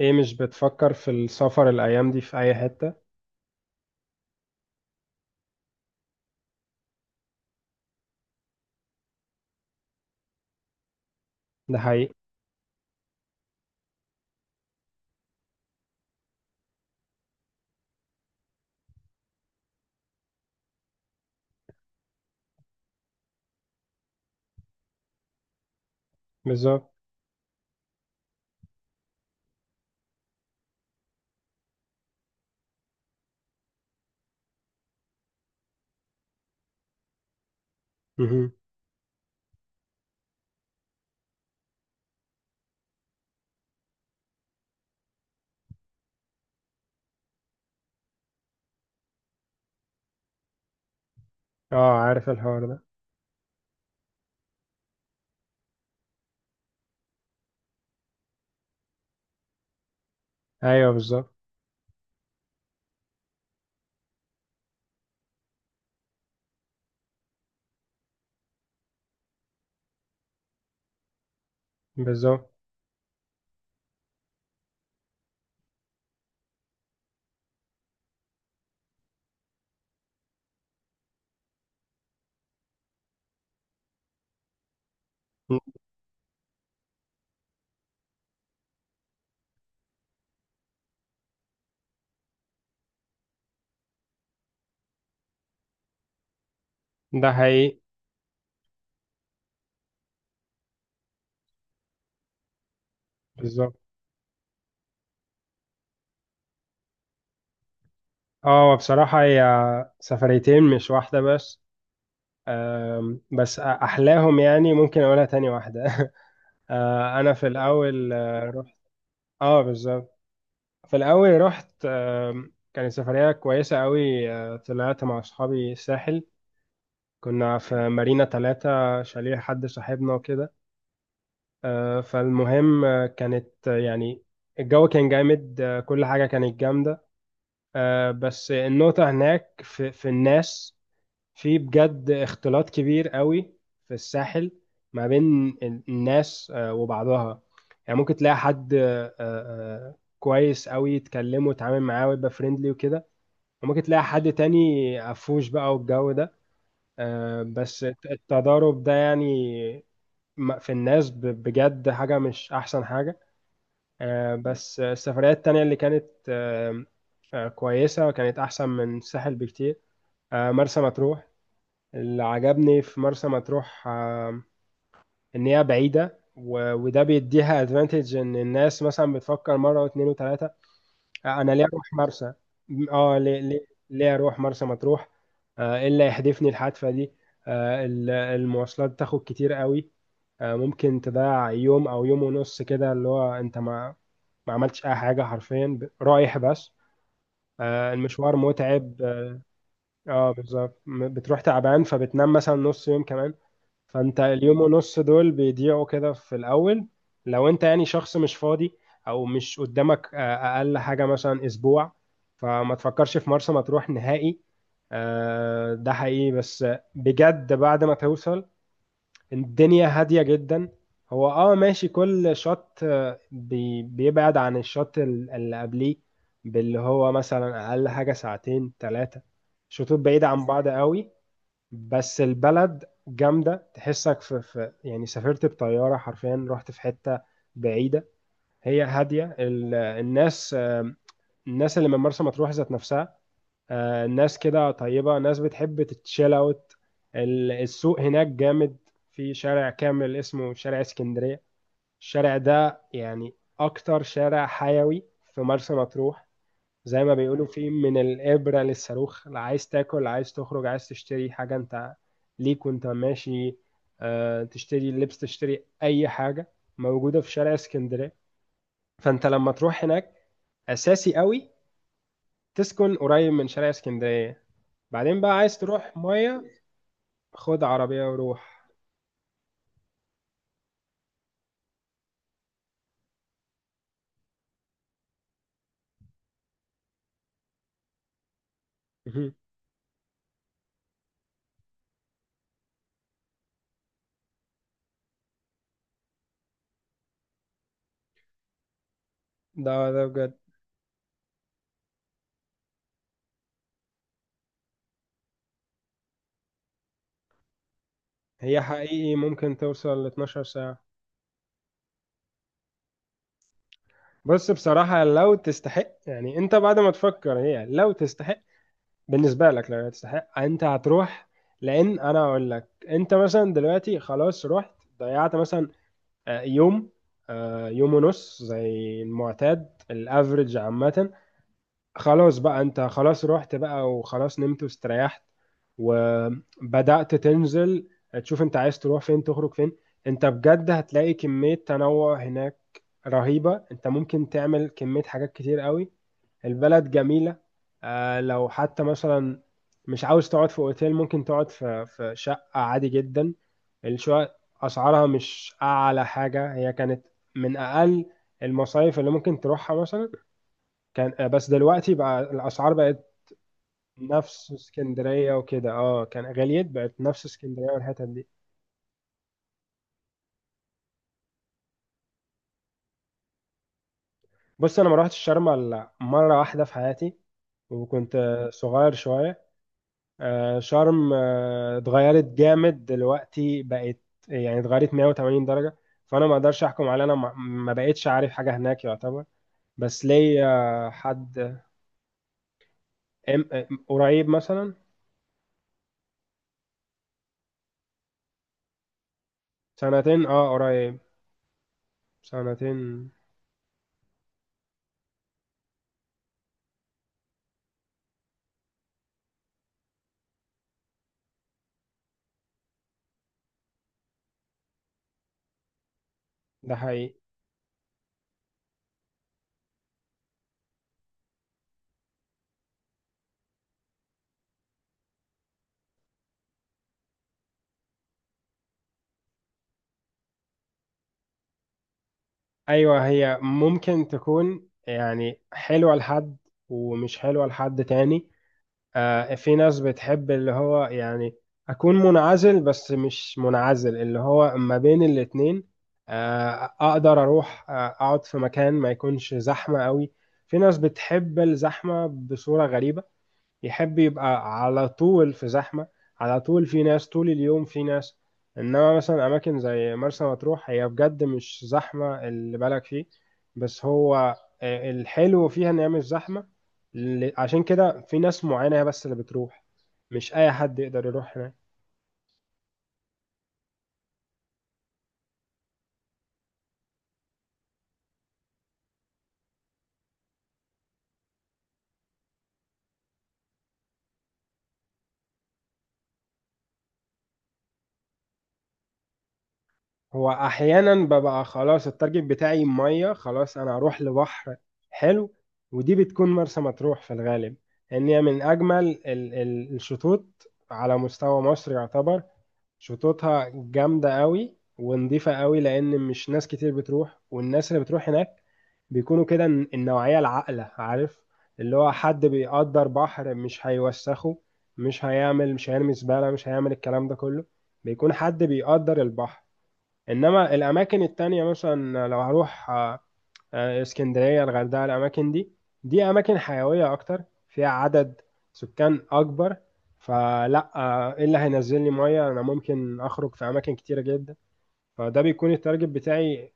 ايه مش بتفكر في السفر الايام دي في اي حتة؟ ده حقيقي. بالظبط. مهم. اه، عارف الحوار ده. ايوه بالظبط. بالظبط. ده حقيقي. بالظبط. اه بصراحة هي سفريتين مش واحدة بس. بس احلاهم، يعني ممكن اقولها، تاني واحدة انا في الاول رحت. اه بالظبط. في الاول رحت، كانت سفرية كويسة قوي. طلعت مع اصحابي الساحل، كنا في مارينا ثلاثة، شاليه حد صاحبنا وكده. فالمهم كانت يعني الجو كان جامد، كل حاجة كانت جامدة. بس النقطة هناك في الناس، في بجد اختلاط كبير قوي في الساحل ما بين الناس وبعضها. يعني ممكن تلاقي حد كويس قوي تكلمه وتعامل معاه ويبقى فريندلي وكده، وممكن تلاقي حد تاني قفوش بقى والجو ده. بس التضارب ده يعني في الناس بجد حاجة مش أحسن حاجة. بس السفريات التانية اللي كانت آه، كويسة، وكانت أحسن من الساحل بكتير. مرسى مطروح. اللي عجبني في مرسى مطروح إن هي بعيدة، وده بيديها ادفانتج، إن الناس مثلا بتفكر مرة واتنين وتلاتة، انا ليه اروح مرسى؟ اه ليه ليه ليه اروح مرسى مطروح؟ آه إيه اللي يحدفني الحادثه دي؟ آه، المواصلات تاخد كتير قوي. آه، ممكن تضيع يوم او يوم ونص كده، اللي هو انت ما عملتش اي حاجه حرفيا، رايح بس. آه المشوار متعب. اه بالظبط، بتروح تعبان فبتنام مثلا نص يوم كمان، فانت اليوم ونص دول بيضيعوا كده في الاول. لو انت يعني شخص مش فاضي، او مش قدامك اقل حاجه مثلا اسبوع، فما تفكرش في مرسى مطروح نهائي. ده حقيقي، بس بجد بعد ما توصل الدنيا هاديه جدا. هو اه ماشي، كل شط بيبعد عن الشط اللي قبليه، باللي هو مثلا اقل حاجه ساعتين ثلاثه. شطوط بعيده عن بعض قوي، بس البلد جامدة، تحسك في يعني سافرت بطيارة حرفيا، رحت في حتة بعيدة، هي هادية. الناس الناس اللي من مرسى مطروح ذات نفسها، الناس كده طيبة، ناس بتحب تتشيل اوت. السوق هناك جامد، في شارع كامل اسمه شارع اسكندرية. الشارع ده يعني أكتر شارع حيوي في مرسى مطروح، زي ما بيقولوا في من الإبرة للصاروخ. لا عايز تاكل، عايز تخرج، عايز تشتري حاجة، انت ليك وانت ماشي. تشتري لبس، تشتري أي حاجة موجودة في شارع اسكندرية. فانت لما تروح هناك أساسي قوي تسكن قريب من شارع اسكندرية. بعدين بقى عايز تروح مية، خد عربية وروح. مهم. ده ده بجد. هي حقيقي ممكن توصل ل 12 ساعة. بص بصراحة لو تستحق، يعني انت بعد ما تفكر هي لو تستحق بالنسبة لك، لو تستحق انت هتروح. لان انا اقول لك، انت مثلا دلوقتي خلاص رحت، ضيعت مثلا يوم، يوم ونص زي المعتاد الافريج عامة. خلاص بقى انت خلاص رحت بقى، وخلاص نمت واستريحت وبدأت تنزل، تشوف انت عايز تروح فين، تخرج فين. انت بجد هتلاقي كمية تنوع هناك رهيبة، انت ممكن تعمل كمية حاجات كتير قوي. البلد جميلة. لو حتى مثلا مش عاوز تقعد في اوتيل، ممكن تقعد في شقة عادي جدا. الشقق أسعارها مش أعلى حاجة، هي كانت من أقل المصايف اللي ممكن تروحها مثلا، كان بس دلوقتي بقى الأسعار بقت نفس اسكندرية وكده. اه كان غليت، بقت نفس اسكندرية والحتت دي. بص أنا ما روحتش شرم إلا مرة واحدة في حياتي، وكنت صغير شوية. شرم اتغيرت جامد دلوقتي، بقت يعني اتغيرت 180 درجة. فأنا ما أقدرش أحكم على، أنا ما بقتش عارف حاجة هناك يعتبر. بس ليا حد قريب مثلا. سنتين اه قريب. سنتين. ده حقيقي. أيوة هي ممكن تكون يعني حلوة لحد، ومش حلوة لحد تاني. في ناس بتحب اللي هو يعني أكون منعزل، بس مش منعزل، اللي هو ما بين الاتنين. أقدر أروح أقعد في مكان ما يكونش زحمة قوي. في ناس بتحب الزحمة بصورة غريبة، يحب يبقى على طول في زحمة، على طول في ناس طول اليوم في ناس. انما مثلا اماكن زي مرسى مطروح هي بجد مش زحمة اللي بالك فيه، بس هو الحلو فيها ان هي مش زحمة. عشان كده في ناس معينة هي بس اللي بتروح، مش اي حد يقدر يروح هناك. هو احيانا ببقى خلاص التارجت بتاعي ميه، خلاص انا هروح لبحر حلو، ودي بتكون مرسى مطروح في الغالب. لان هي من اجمل الشطوط على مستوى مصر يعتبر. شطوطها جامده قوي ونضيفه قوي، لان مش ناس كتير بتروح، والناس اللي بتروح هناك بيكونوا كده النوعيه العاقله، عارف، اللي هو حد بيقدر بحر، مش هيوسخه، مش هيرمي زباله، مش هيعمل الكلام ده كله، بيكون حد بيقدر البحر. انما الاماكن التانية مثلا لو هروح اسكندرية، الغردقة، الاماكن دي، دي اماكن حيوية اكتر، فيها عدد سكان اكبر. فلا ايه اللي هينزل لي مية؟ انا ممكن اخرج في اماكن كتيرة جدا، فده بيكون التارجت بتاعي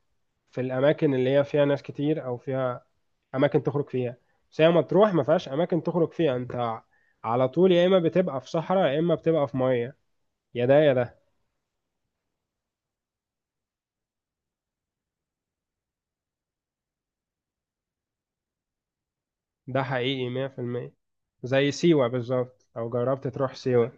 في الاماكن اللي هي فيها ناس كتير، او فيها اماكن تخرج فيها. بس هي مطروح ما فيهاش اماكن تخرج فيها، انت على طول يا اما بتبقى في صحراء يا اما بتبقى في مية، يا ده يا ده. ده حقيقي 100%. زي سيوة بالظبط لو جربت تروح سيوة.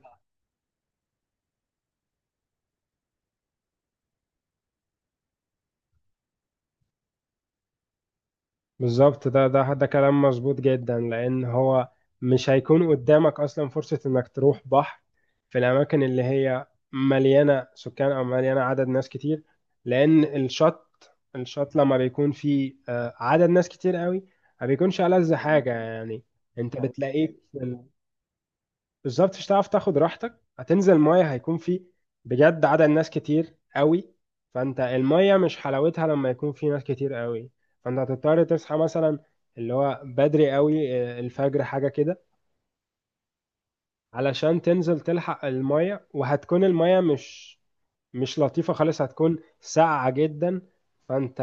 بالظبط ده ده ده كلام مظبوط جدا، لأن هو مش هيكون قدامك أصلا فرصة إنك تروح بحر في الأماكن اللي هي مليانة سكان أو مليانة عدد ناس كتير، لأن الشط لما بيكون فيه عدد ناس كتير قوي، ما بيكونش ألذ حاجة يعني. أنت بتلاقيك بالظبط مش هتعرف تاخد راحتك، هتنزل ميه هيكون في بجد عدد ناس كتير قوي، فانت الميه مش حلاوتها لما يكون في ناس كتير قوي. فانت هتضطر تصحى مثلا اللي هو بدري قوي، الفجر حاجه كده علشان تنزل تلحق الميه، وهتكون الميه مش لطيفه خالص، هتكون ساقعه جدا. فانت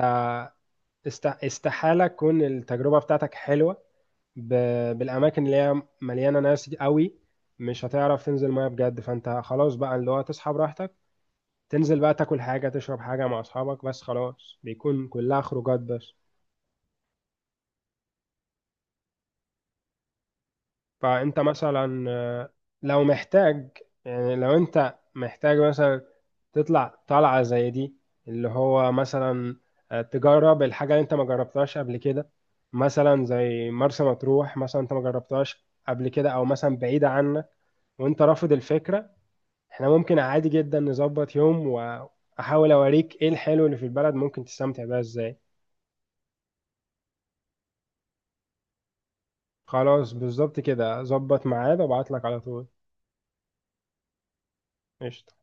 استحاله تكون التجربه بتاعتك حلوه بالاماكن اللي هي مليانه ناس قوي، مش هتعرف تنزل ميه بجد. فانت خلاص بقى اللي هو تصحى براحتك، تنزل بقى تاكل حاجه تشرب حاجه مع اصحابك بس، خلاص بيكون كلها خروجات بس. فانت مثلا لو محتاج، يعني لو انت محتاج مثلا تطلع طلعه زي دي، اللي هو مثلا تجرب الحاجه اللي انت ما جربتهاش قبل كده، مثلا زي مرسى مطروح، مثلا انت ما جربتهاش قبل كده، او مثلا بعيده عنك وانت رافض الفكره، احنا ممكن عادي جدا نظبط يوم واحاول اوريك ايه الحلو اللي في البلد ممكن تستمتع بيها ازاي. خلاص بالظبط كده، ظبط ميعاد وابعت لك على طول. قشطة.